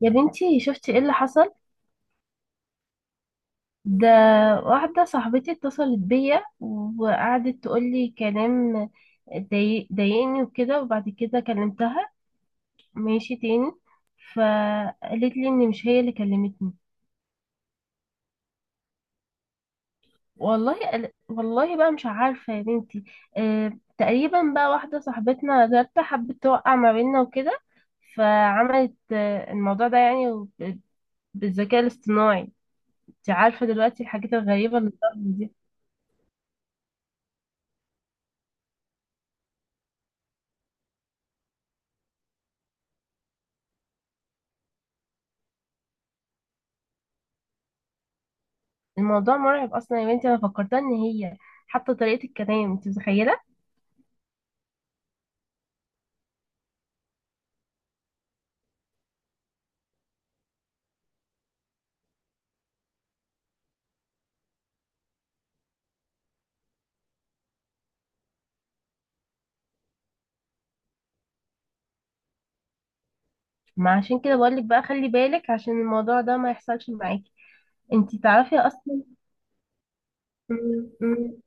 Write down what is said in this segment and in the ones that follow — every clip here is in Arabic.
يا بنتي شفتي ايه اللي حصل ده. واحدة صاحبتي اتصلت بيا وقعدت تقولي كلام ضايقني وكده، وبعد كده كلمتها ماشي تاني، فقالت لي ان مش هي اللي كلمتني. والله والله بقى مش عارفة يا بنتي. اه تقريبا بقى واحدة صاحبتنا جارتها حبت توقع ما بيننا وكده، فعملت الموضوع ده يعني بالذكاء الاصطناعي. انت عارفة دلوقتي الحاجات الغريبة اللي بتحصل دي. الموضوع مرعب اصلا يا بنتي، انا فكرتها ان هي حتى طريقة الكلام، انت متخيلة؟ ما عشان كده بقولك بقى، خلي بالك عشان الموضوع ده ما يحصلش معاكي. انت تعرفي اصلا. مم، مم،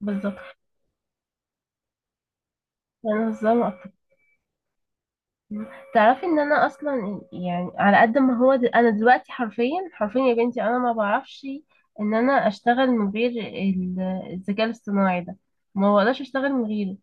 بالظبط. انا ازاي ما أتفق- تعرفي ان انا اصلا يعني على قد ما هو انا دلوقتي حرفيا حرفيا يا بنتي انا ما بعرفش ان انا اشتغل من غير الذكاء الاصطناعي ده، ما بقدرش اشتغل من غيره.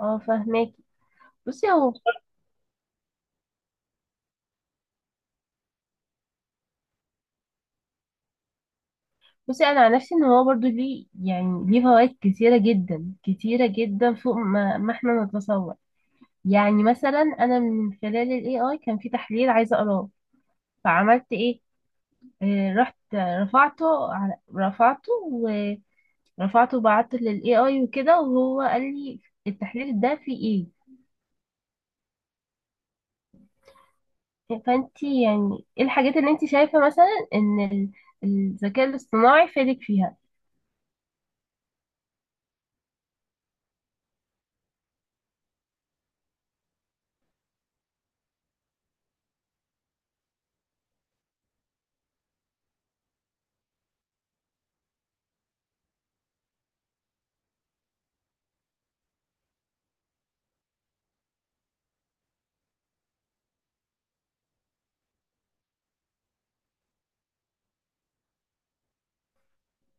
اه فاهماكي. بصي هو، بصي انا عن نفسي ان هو برضو ليه، يعني ليه فوائد كتيره جدا، كتيره جدا فوق ما احنا نتصور. يعني مثلا انا من خلال الاي اي كان في تحليل عايزه اقراه، فعملت ايه، آه رحت رفعته على رفعته ورفعته وبعته للاي اي وكده، وهو قال لي التحليل ده فيه ايه. فانت يعني ايه الحاجات اللي انت شايفه مثلا ان الذكاء الاصطناعي فادك فيها؟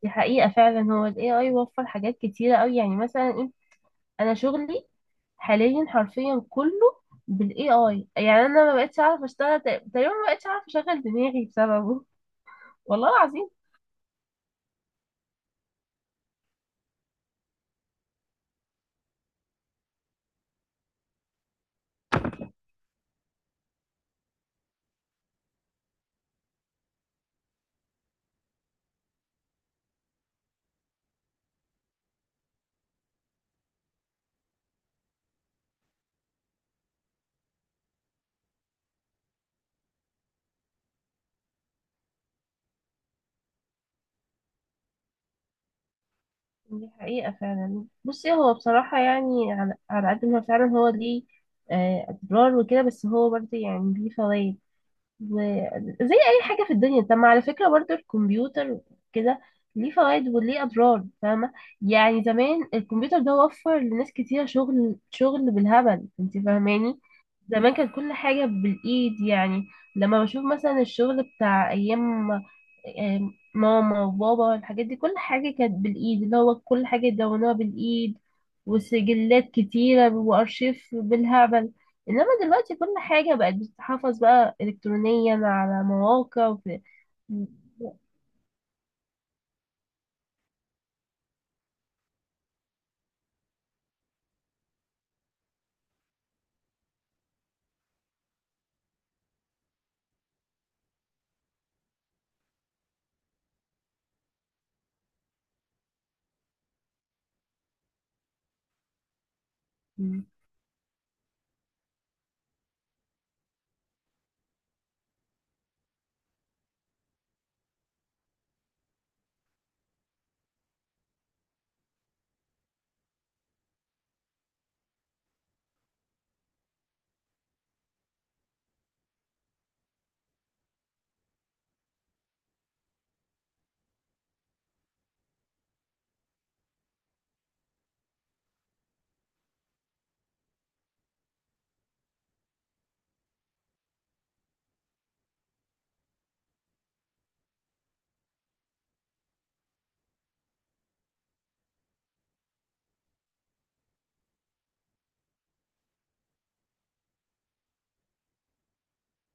دي حقيقة فعلا، هو ال AI وفر حاجات كتيرة أوي. يعني مثلا انا شغلي حاليا حرفيا كله بالاي اي. يعني انا ما بقتش اعرف اشتغل، تقريبا ما بقتش اعرف اشغل دماغي بسببه، والله العظيم. دي حقيقة فعلا. بصي هو بصراحة يعني على قد ما فعلا هو ليه اضرار وكده، بس هو برضه يعني ليه فوائد زي اي حاجه في الدنيا. طب ما على فكره برضو الكمبيوتر كده ليه فوائد وليه اضرار، فاهمه؟ يعني زمان الكمبيوتر ده وفر لناس كتير شغل، شغل بالهبل، انت فاهماني؟ زمان كانت كل حاجه بالايد يعني. لما بشوف مثلا الشغل بتاع ايام ماما وبابا، الحاجات دي كل حاجه كانت بالايد، اللي هو كل حاجه يدونوها بالايد، وسجلات كتيره وارشيف بالهبل. انما دلوقتي كل حاجة بقت بتتحفظ بقى الكترونيا على مواقع مم.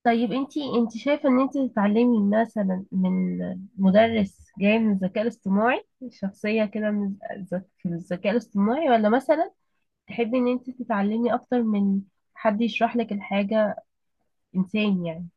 طيب انتي، انتي شايفة ان انتي تتعلمي مثلا من مدرس جاي من الذكاء الاصطناعي، شخصية كده من في الذكاء الاصطناعي، ولا مثلا تحبي ان انتي تتعلمي اكتر من حد يشرح لك الحاجة، انسان يعني؟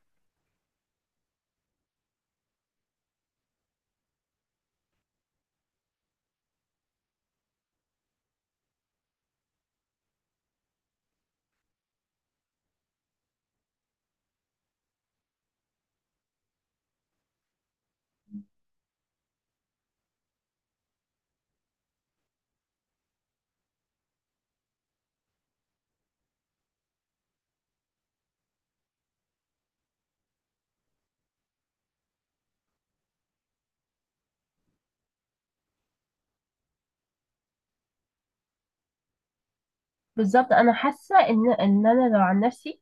بالظبط. انا حاسة ان انا لو عن نفسي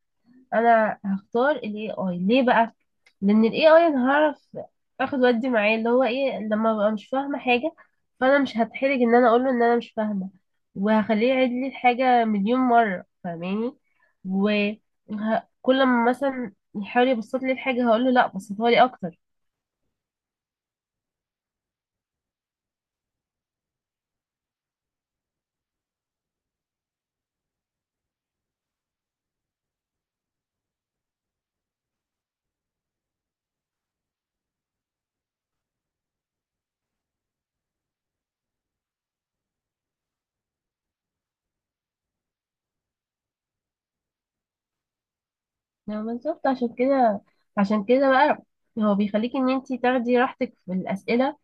انا هختار الاي اي. ليه بقى؟ لان الاي اي انا هعرف اخد ودي معاه، اللي هو ايه، لما ببقى مش فاهمه حاجه فانا مش هتحرج ان انا اقول له ان انا مش فاهمه، وهخليه يعيد لي الحاجه مليون مره، فاهماني؟ وكل ما مثلا يحاول يبسط لي الحاجه هقول له لا، بسطها لي اكتر. يعني بالظبط عشان كده، عشان كده بقى هو بيخليك ان انتي تاخدي راحتك في الاسئله،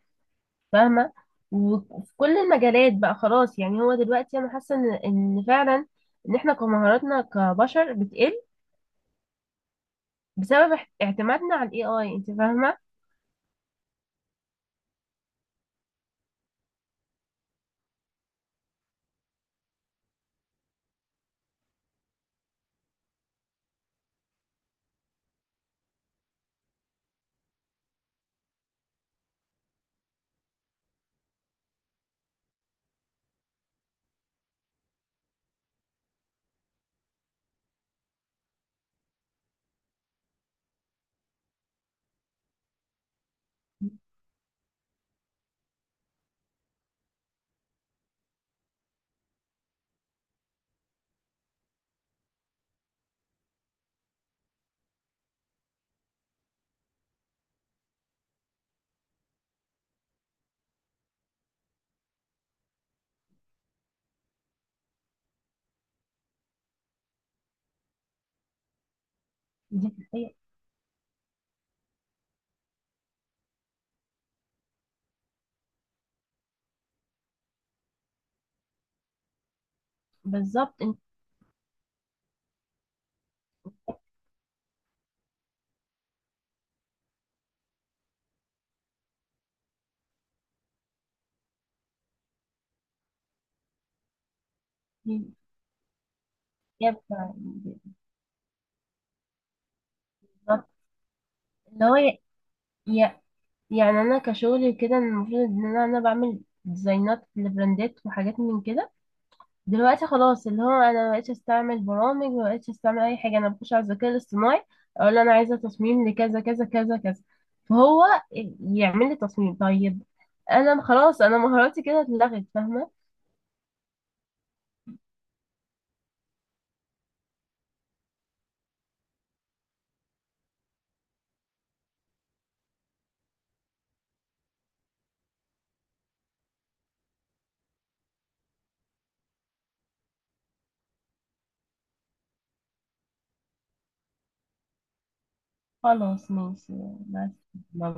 فاهمة؟ وفي كل المجالات بقى خلاص. يعني هو دلوقتي أنا حاسة إن فعلا إن إحنا كمهاراتنا كبشر بتقل بسبب اعتمادنا على ال AI، أنت فاهمة؟ دي حقيقة. بالظبط. أنت جابة. بالظبط. اللي هو ي- يعني أنا كشغلي كده المفروض إن أنا بعمل ديزاينات لبراندات وحاجات من كده. دلوقتي خلاص اللي هو انا مبقتش استعمل برامج، مبقتش استعمل اي حاجه، انا بخش على الذكاء الاصطناعي اقول له انا عايزه تصميم لكذا كذا كذا كذا، فهو يعمل لي تصميم. طيب انا خلاص انا مهاراتي كده اتلغت، فاهمه؟ خلاص ماشي. بس